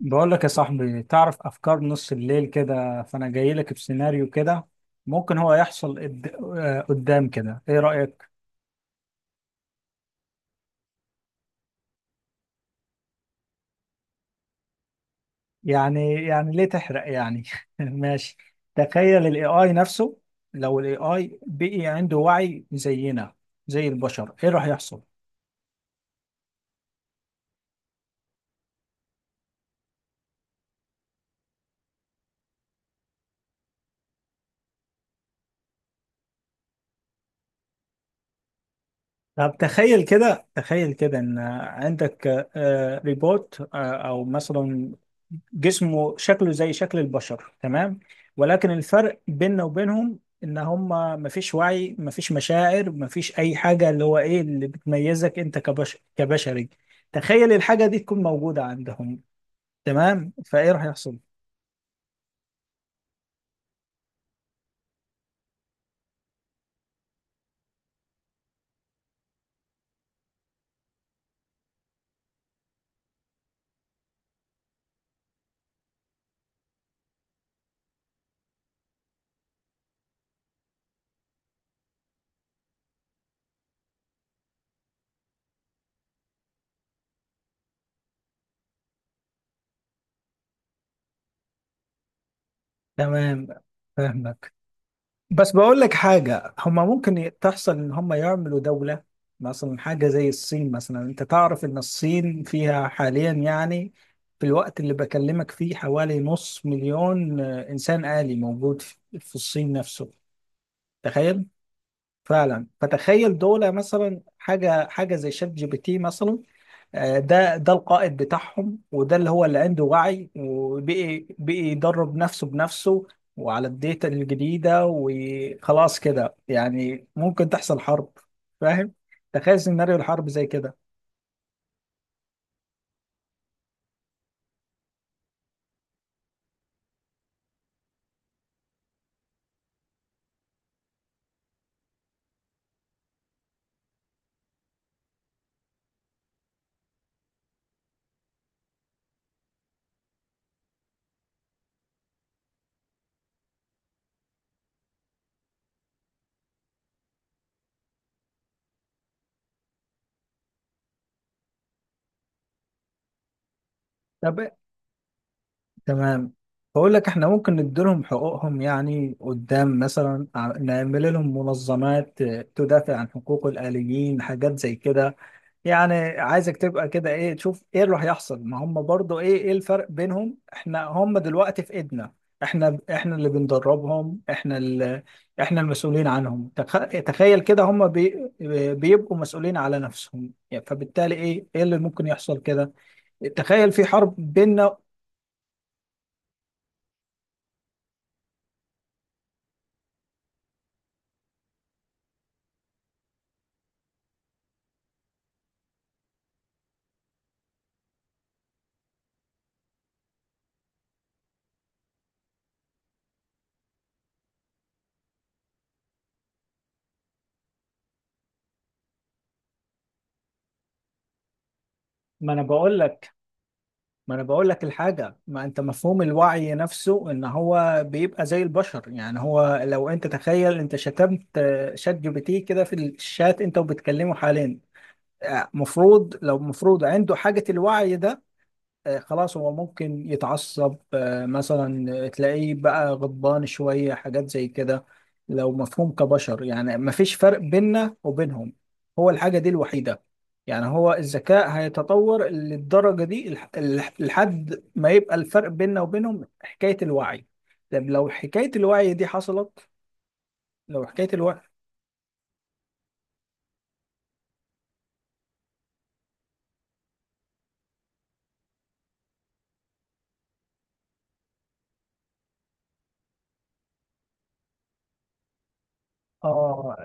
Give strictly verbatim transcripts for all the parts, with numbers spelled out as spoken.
بقول لك يا صاحبي، تعرف افكار نص الليل كده، فانا جاي لك بسيناريو كده ممكن هو يحصل قد- آه، قدام كده. ايه رأيك؟ يعني يعني ليه تحرق يعني؟ ماشي. تخيل الاي اي نفسه. لو الاي اي بقي عنده وعي زينا، زي البشر، ايه راح يحصل؟ طب تخيل كده، تخيل كده ان عندك آه، ريبوت، آه، او مثلا جسمه شكله زي شكل البشر، تمام. ولكن الفرق بيننا وبينهم ان هم مفيش وعي، مفيش مشاعر، مفيش اي حاجة. اللي هو ايه اللي بتميزك انت كبشر كبشري؟ تخيل الحاجة دي تكون موجودة عندهم. تمام، فايه راح يحصل؟ تمام، فاهمك. بس بقول لك حاجة هما ممكن ي- تحصل، إن هما يعملوا دولة. مثلا حاجة زي الصين. مثلا أنت تعرف إن الصين فيها حاليا، يعني في الوقت اللي بكلمك فيه، حوالي نص مليون آه، إنسان آلي موجود في في الصين نفسه. تخيل. فعلا، فتخيل دولة مثلا، حاجة حاجة زي شات جي بي تي مثلا. آه، ده ده القائد بتاعهم، وده اللي هو اللي عنده وعي، وبقي بقي يدرب نفسه بنفسه وعلى الداتا الجديدة. وخلاص كده يعني ممكن تحصل حرب، فاهم؟ تخيل سيناريو الحرب زي كده. طب، تمام. بقول لك احنا ممكن نديلهم حقوقهم، يعني قدام مثلا ع- نعمل لهم منظمات آه، تدافع عن حقوق الآليين، حاجات زي كده يعني. عايزك تبقى كده، ايه تشوف، ايه اللي هيحصل؟ ما هم برضو ايه ايه الفرق بينهم؟ احنا هم دلوقتي في ايدنا. احنا احنا اللي بندربهم، احنا اللي احنا المسؤولين عنهم. تخ... تخيل كده، هم بي... بيبقوا مسؤولين على نفسهم، يعني فبالتالي ايه ايه اللي ممكن يحصل كده؟ تخيل في حرب بيننا. ما انا بقول لك ما انا بقول لك الحاجه، ما انت مفهوم الوعي نفسه ان هو بيبقى زي البشر. يعني هو لو انت تخيل، انت شتمت آه، شات جي بي تي كده في الشات، انت وبتكلمه حاليا، آه، مفروض، لو مفروض عنده حاجه الوعي ده، آه، خلاص، هو ممكن يتعصب، آه، مثلا تلاقيه بقى غضبان شوية، حاجات زي كده. لو مفهوم كبشر، يعني مفيش فرق بيننا وبينهم. هو الحاجة دي الوحيدة، يعني هو الذكاء هيتطور للدرجة دي الح- الح- لحد ما يبقى الفرق بيننا وبينهم حكاية الوعي. طب لو حكاية الوعي دي حصلت، لو حكاية الوعي اه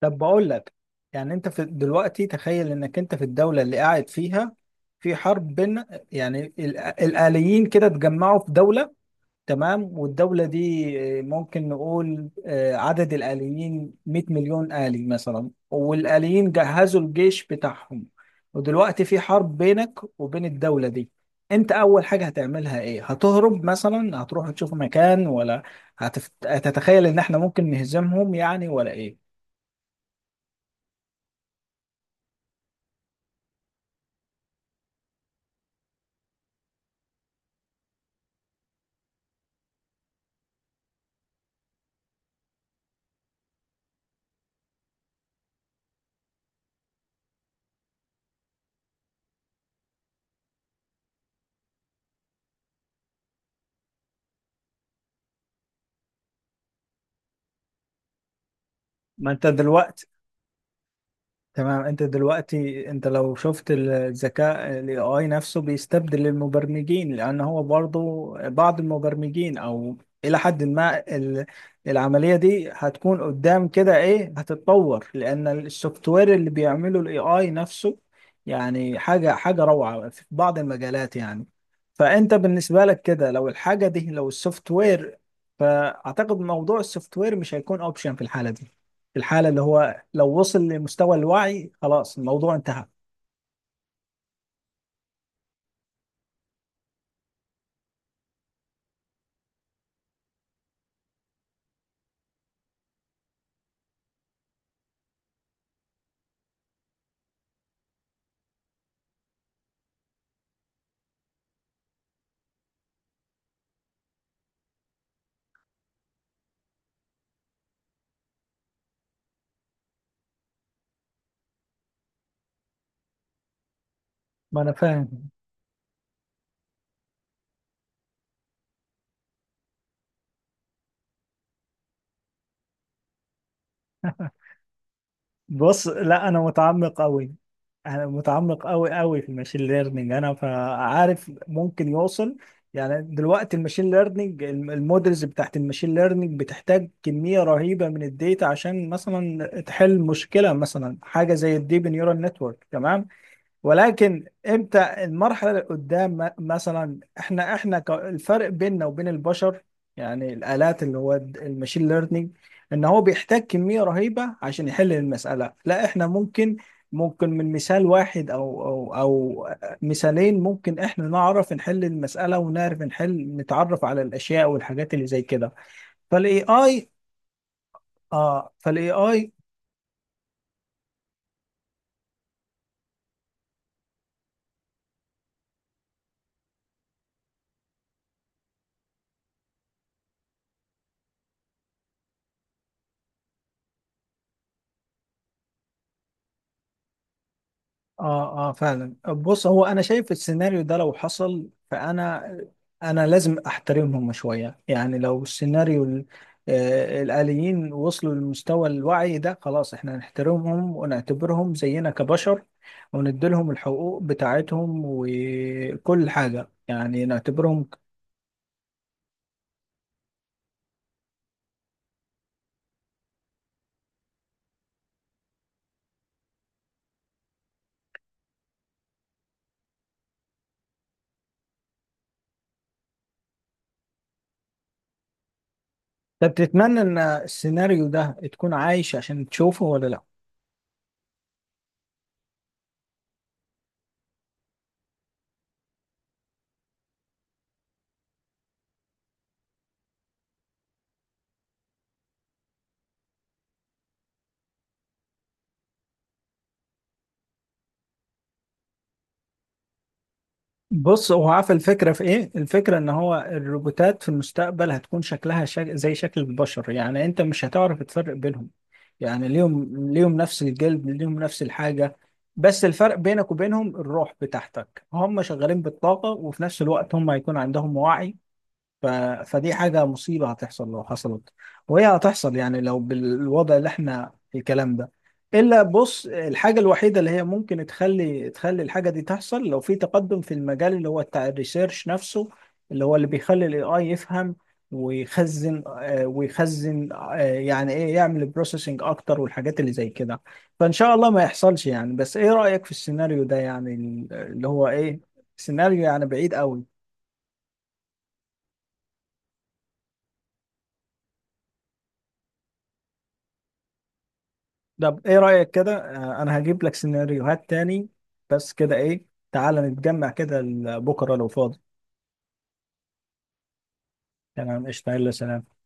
طب بقول لك، يعني انت في دلوقتي، تخيل انك انت في الدولة اللي قاعد فيها في حرب، بين، يعني ال- الآليين كده اتجمعوا في دولة، تمام. والدولة دي آه، ممكن نقول آه، عدد الآليين مئة مليون آلي مثلا، والآليين جهزوا الجيش بتاعهم. ودلوقتي في حرب بينك وبين الدولة دي. انت اول حاجة هتعملها ايه؟ هتهرب مثلا، هتروح تشوف مكان، ولا هتفت... هتتخيل ان احنا ممكن نهزمهم يعني، ولا إيه؟ ما انت دلوقتي، تمام. انت دلوقتي انت لو شفت الذكاء، الاي اي نفسه بيستبدل المبرمجين، لان هو برضه بعض المبرمجين، او الى حد ما ال- العمليه دي هتكون قدام كده، ايه، هتتطور، لان السوفت وير اللي بيعمله الاي اي نفسه، يعني حاجه حاجه روعه في بعض المجالات يعني. فانت بالنسبه لك كده، لو الحاجه دي، لو السوفت وير، فاعتقد موضوع السوفت وير مش هيكون اوبشن في الحاله دي. في الحالة اللي هو لو وصل لمستوى الوعي، خلاص، الموضوع انتهى. ما انا فاهم. بص، لا، انا متعمق قوي انا متعمق قوي قوي في الماشين ليرنينج، انا فعارف ممكن يوصل. يعني دلوقتي الماشين ليرنينج المودلز بتاعت الماشين ليرنينج بتحتاج كمية رهيبة من الداتا، عشان مثلا تحل مشكلة، مثلا حاجة زي الديب نيورال نتورك، تمام. ولكن امتى المرحله اللي قدام؟ م- مثلا، احنا احنا ك- الفرق بيننا وبين البشر، يعني الالات اللي هو الد- الماشين ليرنينج، ان هو بيحتاج كميه رهيبه عشان يحل المساله. لا، احنا ممكن، ممكن من مثال واحد، او او او مثالين، ممكن احنا نعرف نحل المساله، ونعرف نحل نتعرف على الاشياء والحاجات اللي زي كده. فالاي اي اه فالاي اي، اه اه فعلا. بص هو، انا شايف السيناريو ده لو حصل، فانا انا لازم احترمهم شويه يعني. لو السيناريو ال- آه، الآليين وصلوا لمستوى الوعي ده، خلاص احنا نحترمهم ونعتبرهم زينا كبشر، ونديلهم الحقوق بتاعتهم وكل حاجه يعني، نعتبرهم. طب، تتمنى ان السيناريو ده تكون عايش عشان تشوفه ولا لا؟ بص هو، عارف الفكرة في ايه؟ الفكرة ان هو الروبوتات في المستقبل هتكون شكلها شك... زي شكل البشر، يعني انت مش هتعرف تفرق بينهم. يعني ليهم ليهم نفس الجلد، ليهم نفس الحاجة. بس الفرق بينك وبينهم الروح بتاعتك، هم شغالين بالطاقة، وفي نفس الوقت هم هيكون عندهم وعي. ف... فدي حاجة مصيبة هتحصل لو حصلت. وهي هتحصل يعني، لو بالوضع اللي احنا في الكلام ده. إلا، بص، الحاجة الوحيدة اللي هي ممكن تخلي تخلي الحاجة دي تحصل، لو في تقدم في المجال اللي هو بتاع الريسيرش نفسه، اللي هو اللي بيخلي ال ايه آي يفهم ويخزن آه، ويخزن، آه، يعني ايه، يعمل بروسيسنج اكتر والحاجات اللي زي كده. فان شاء الله ما يحصلش يعني. بس ايه رأيك في السيناريو ده يعني، اللي هو ايه، سيناريو يعني بعيد قوي. طب، ايه رأيك كده، آه، انا هجيب لك سيناريوهات تاني، بس كده ايه. تعالى نتجمع كده بكره لو فاضي. تمام، قشطة، يلا سلام.